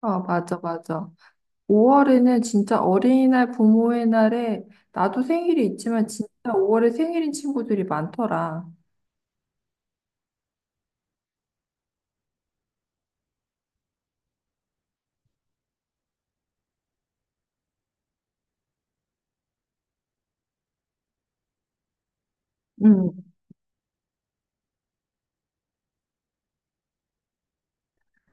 아, 맞아, 맞아. 5월에는 진짜 어린이날, 부모의 날에 나도 생일이 있지만 진짜 5월에 생일인 친구들이 많더라. 음,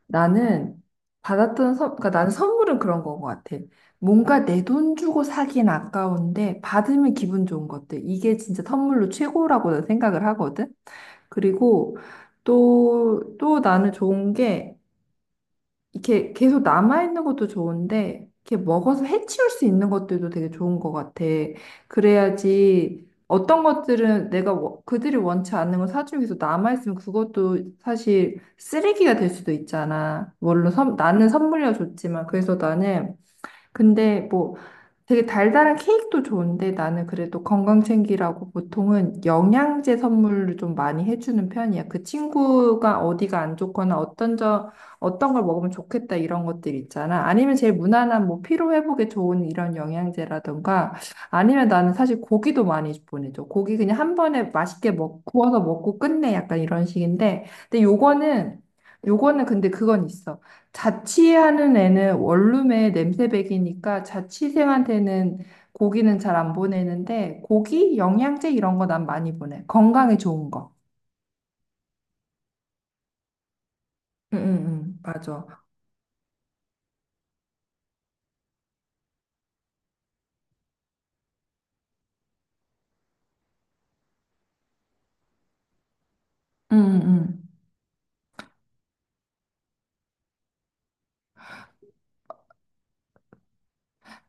나는 그러니까 나는 선물은 그런 거 같아. 뭔가 내 돈 주고 사긴 아까운데 받으면 기분 좋은 것들. 이게 진짜 선물로 최고라고 난 생각을 하거든. 그리고 또 나는 좋은 게 이렇게 계속 남아있는 것도 좋은데, 이렇게 먹어서 해치울 수 있는 것들도 되게 좋은 것 같아. 그래야지 어떤 것들은 그들이 원치 않는 걸 사주면 계속 남아있으면 그것도 사실 쓰레기가 될 수도 있잖아. 물론 나는 선물이라 좋지만. 그래서 나는 근데 뭐 되게 달달한 케이크도 좋은데 나는 그래도 건강 챙기라고 보통은 영양제 선물을 좀 많이 해주는 편이야. 그 친구가 어디가 안 좋거나 어떤 걸 먹으면 좋겠다 이런 것들 있잖아. 아니면 제일 무난한 뭐 피로 회복에 좋은 이런 영양제라던가 아니면 나는 사실 고기도 많이 보내줘. 고기 그냥 한 번에 구워서 먹고 끝내 약간 이런 식인데 근데 요거는 근데 그건 있어. 자취하는 애는 원룸에 냄새배기니까 자취생한테는 고기는 잘 안 보내는데 고기, 영양제 이런 거 난 많이 보내. 건강에 좋은 거. 응, 응, 응. 맞아. 응, 응.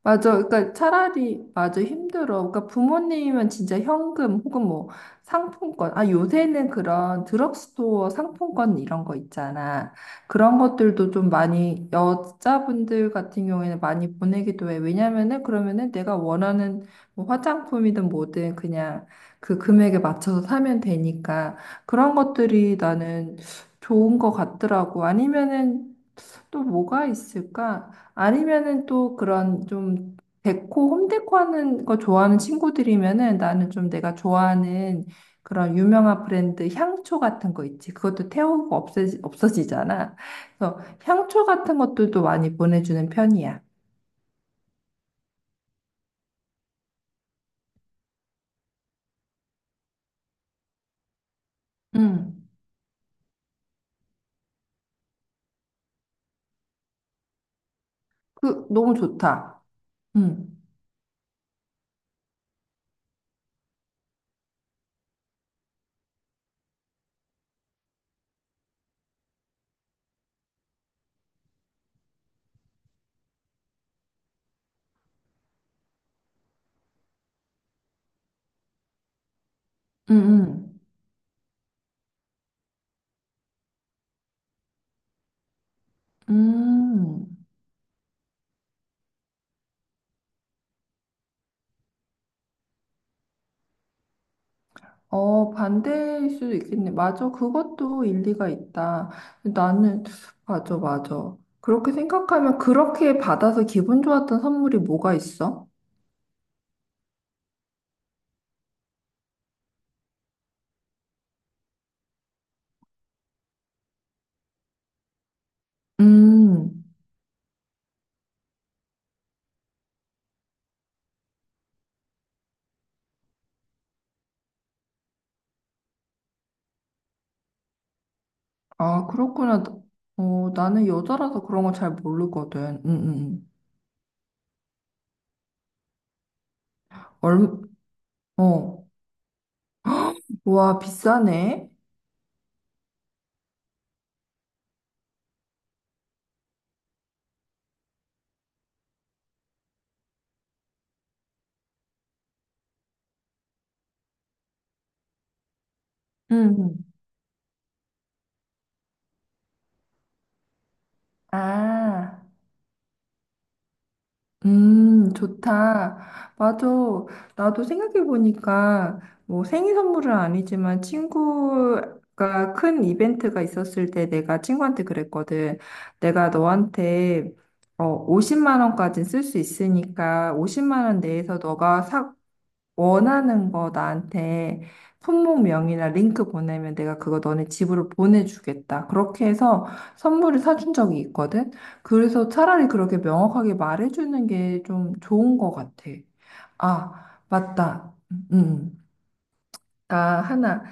맞아. 그러니까 차라리 맞아 힘들어. 그러니까 부모님은 진짜 현금 혹은 뭐 상품권. 아, 요새는 그런 드럭스토어 상품권 이런 거 있잖아. 그런 것들도 좀 많이 여자분들 같은 경우에는 많이 보내기도 해. 왜냐면은 그러면은 내가 원하는 뭐 화장품이든 뭐든 그냥 그 금액에 맞춰서 사면 되니까 그런 것들이 나는 좋은 것 같더라고. 아니면은 또 뭐가 있을까? 아니면은 또 그런 좀 데코, 홈데코 하는 거 좋아하는 친구들이면은 나는 좀 내가 좋아하는 그런 유명한 브랜드 향초 같은 거 있지. 그것도 없어지잖아. 그래서 향초 같은 것들도 많이 보내주는 편이야. 음. 그, 너무 좋다. 음. 음 음. 음. 어, 반대일 수도 있겠네. 맞아. 그것도 일리가 있다. 나는, 맞아, 맞아. 그렇게 생각하면 그렇게 받아서 기분 좋았던 선물이 뭐가 있어? 음, 아, 그렇구나. 어, 나는 여자라서 그런 거 잘 모르거든. 음. 얼, 어, 와, 비싸네. 응. 아. 좋다. 맞아. 나도 생각해보니까, 뭐 생일 선물은 아니지만 친구가 큰 이벤트가 있었을 때 내가 친구한테 그랬거든. 내가 너한테 50만 원까지 쓸 수 있으니까 50만 원 내에서 원하는 거 나한테 품목명이나 링크 보내면 내가 그거 너네 집으로 보내주겠다. 그렇게 해서 선물을 사준 적이 있거든. 그래서 차라리 그렇게 명확하게 말해주는 게 좀 좋은 것 같아. 아, 맞다. 음. 음. 아, 하나.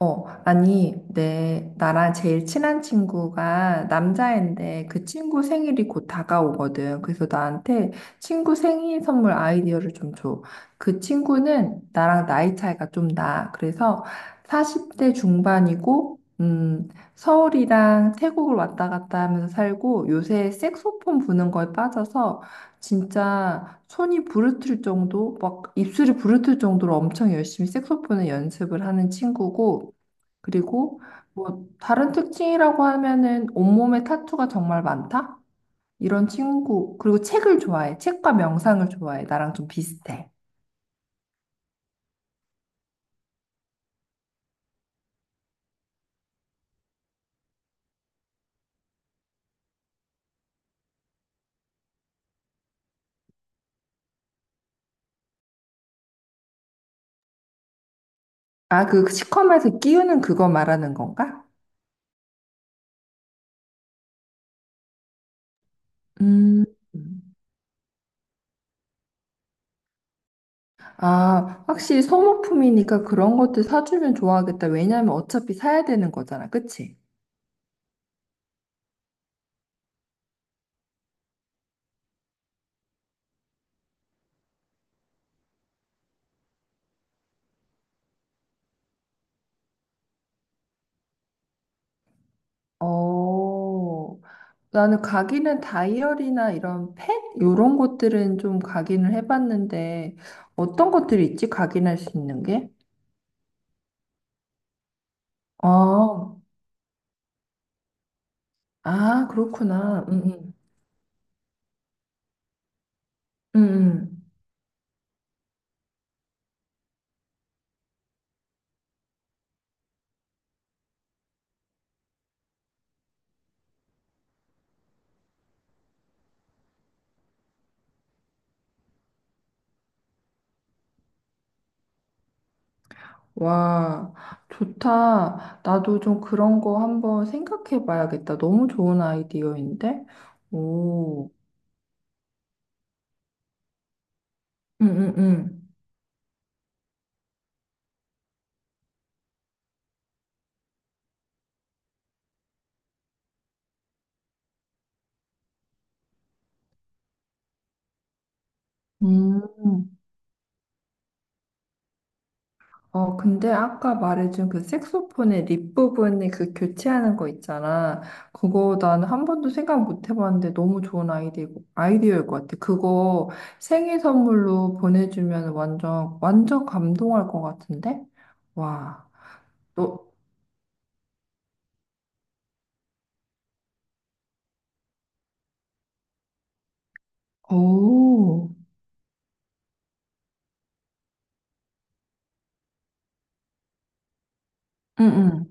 어, 아니, 내, 나랑 제일 친한 친구가 남자인데 그 친구 생일이 곧 다가오거든. 그래서 나한테 친구 생일 선물 아이디어를 좀 줘. 그 친구는 나랑 나이 차이가 좀 나. 그래서 40대 중반이고, 서울이랑 태국을 왔다 갔다 하면서 살고 요새 색소폰 부는 거에 빠져서 진짜 손이 부르틀 정도, 막 입술이 부르틀 정도로 엄청 열심히 색소폰을 연습을 하는 친구고, 그리고 뭐 다른 특징이라고 하면은 온몸에 타투가 정말 많다? 이런 친구. 그리고 책을 좋아해. 책과 명상을 좋아해. 나랑 좀 비슷해. 아, 그 시커멓게 끼우는 그거 말하는 건가? 음. 아, 확실히 소모품이니까 그런 것들 사주면 좋아하겠다. 왜냐면 어차피 사야 되는 거잖아. 그치? 어. 나는 가기는 다이어리나 이런 펫? 이런 것들은 좀 가기는 해봤는데, 어떤 것들이 있지? 가기는 할 수 있는 게? 아, 아, 그렇구나. 응, 응, 응. 응. 와, 좋다. 나도 좀 그런 거 한번 생각해 봐야겠다. 너무 좋은 아이디어인데? 오, 응, 응, 응. 음. 어, 근데 아까 말해준 그 색소폰의 립 부분이 그 교체하는 거 있잖아. 그거 난 한 번도 생각 못 해봤는데 너무 좋은 아이디어일 것 같아. 그거 생일 선물로 보내주면 완전, 완전 감동할 것 같은데? 와, 너, 오, 응, 응,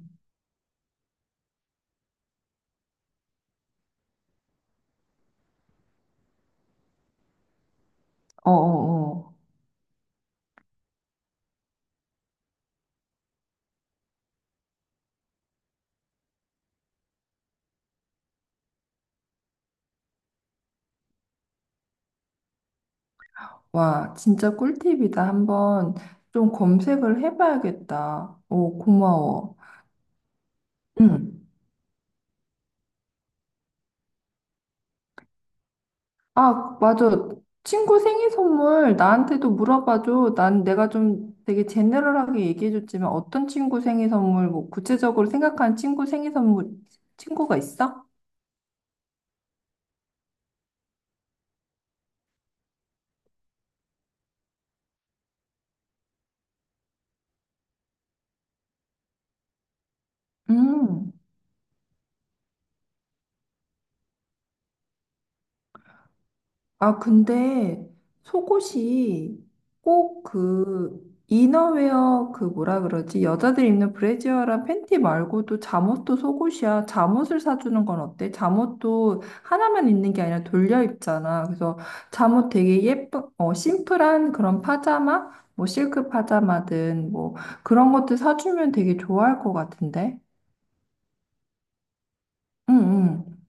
어어어. 와, 진짜 꿀팁이다. 한번 좀 검색을 해봐야겠다. 오, 고마워. 응. 아, 맞아. 친구 생일 선물 나한테도 물어봐줘. 난 내가 좀 되게 제네럴하게 얘기해줬지만 어떤 친구 생일 선물, 뭐 구체적으로 생각한 친구 생일 선물, 친구가 있어? 음. 아, 근데 속옷이 꼭 그 이너웨어 그 뭐라 그러지? 여자들 입는 브래지어랑 팬티 말고도 잠옷도 속옷이야. 잠옷을 사주는 건 어때? 잠옷도 하나만 입는 게 아니라 돌려 입잖아. 그래서 잠옷 되게 예쁜, 어, 심플한 그런 파자마? 뭐 실크 파자마든 뭐 그런 것도 사주면 되게 좋아할 것 같은데? 응, 응.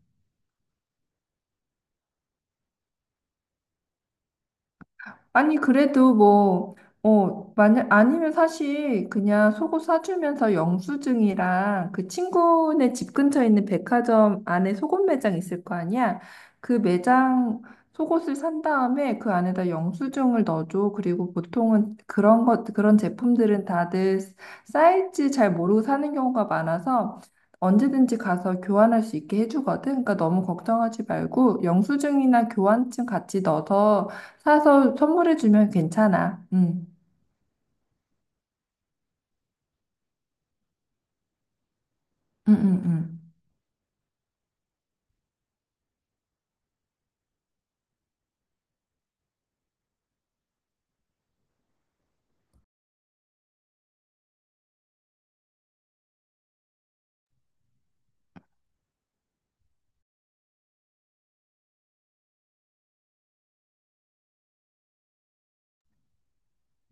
아니, 그래도 뭐, 어, 만약, 아니면 사실 그냥 속옷 사주면서 영수증이랑 그 친구네 집 근처에 있는 백화점 안에 속옷 매장 있을 거 아니야? 그 매장 속옷을 산 다음에 그 안에다 영수증을 넣어줘. 그리고 보통은 그런 제품들은 다들 사이즈 잘 모르고 사는 경우가 많아서 언제든지 가서 교환할 수 있게 해주거든. 그러니까 너무 걱정하지 말고 영수증이나 교환증 같이 넣어서 사서 선물해주면 괜찮아. 응, 응, 응, 응.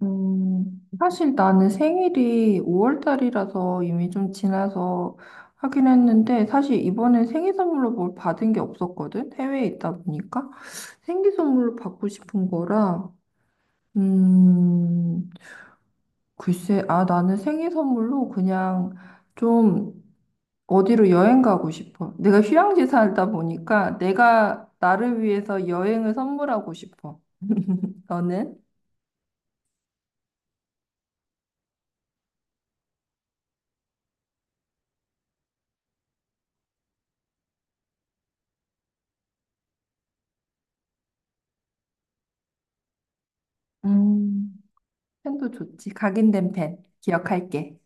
사실 나는 생일이 5월 달이라서 이미 좀 지나서 하긴 했는데, 사실 이번에 생일 선물로 뭘 받은 게 없었거든? 해외에 있다 보니까. 생일 선물로 받고 싶은 거라, 음, 글쎄, 아, 나는 생일 선물로 그냥 좀 어디로 여행 가고 싶어. 내가 휴양지 살다 보니까 내가 나를 위해서 여행을 선물하고 싶어. 너는? 음, 펜도 좋지. 각인된 펜. 기억할게.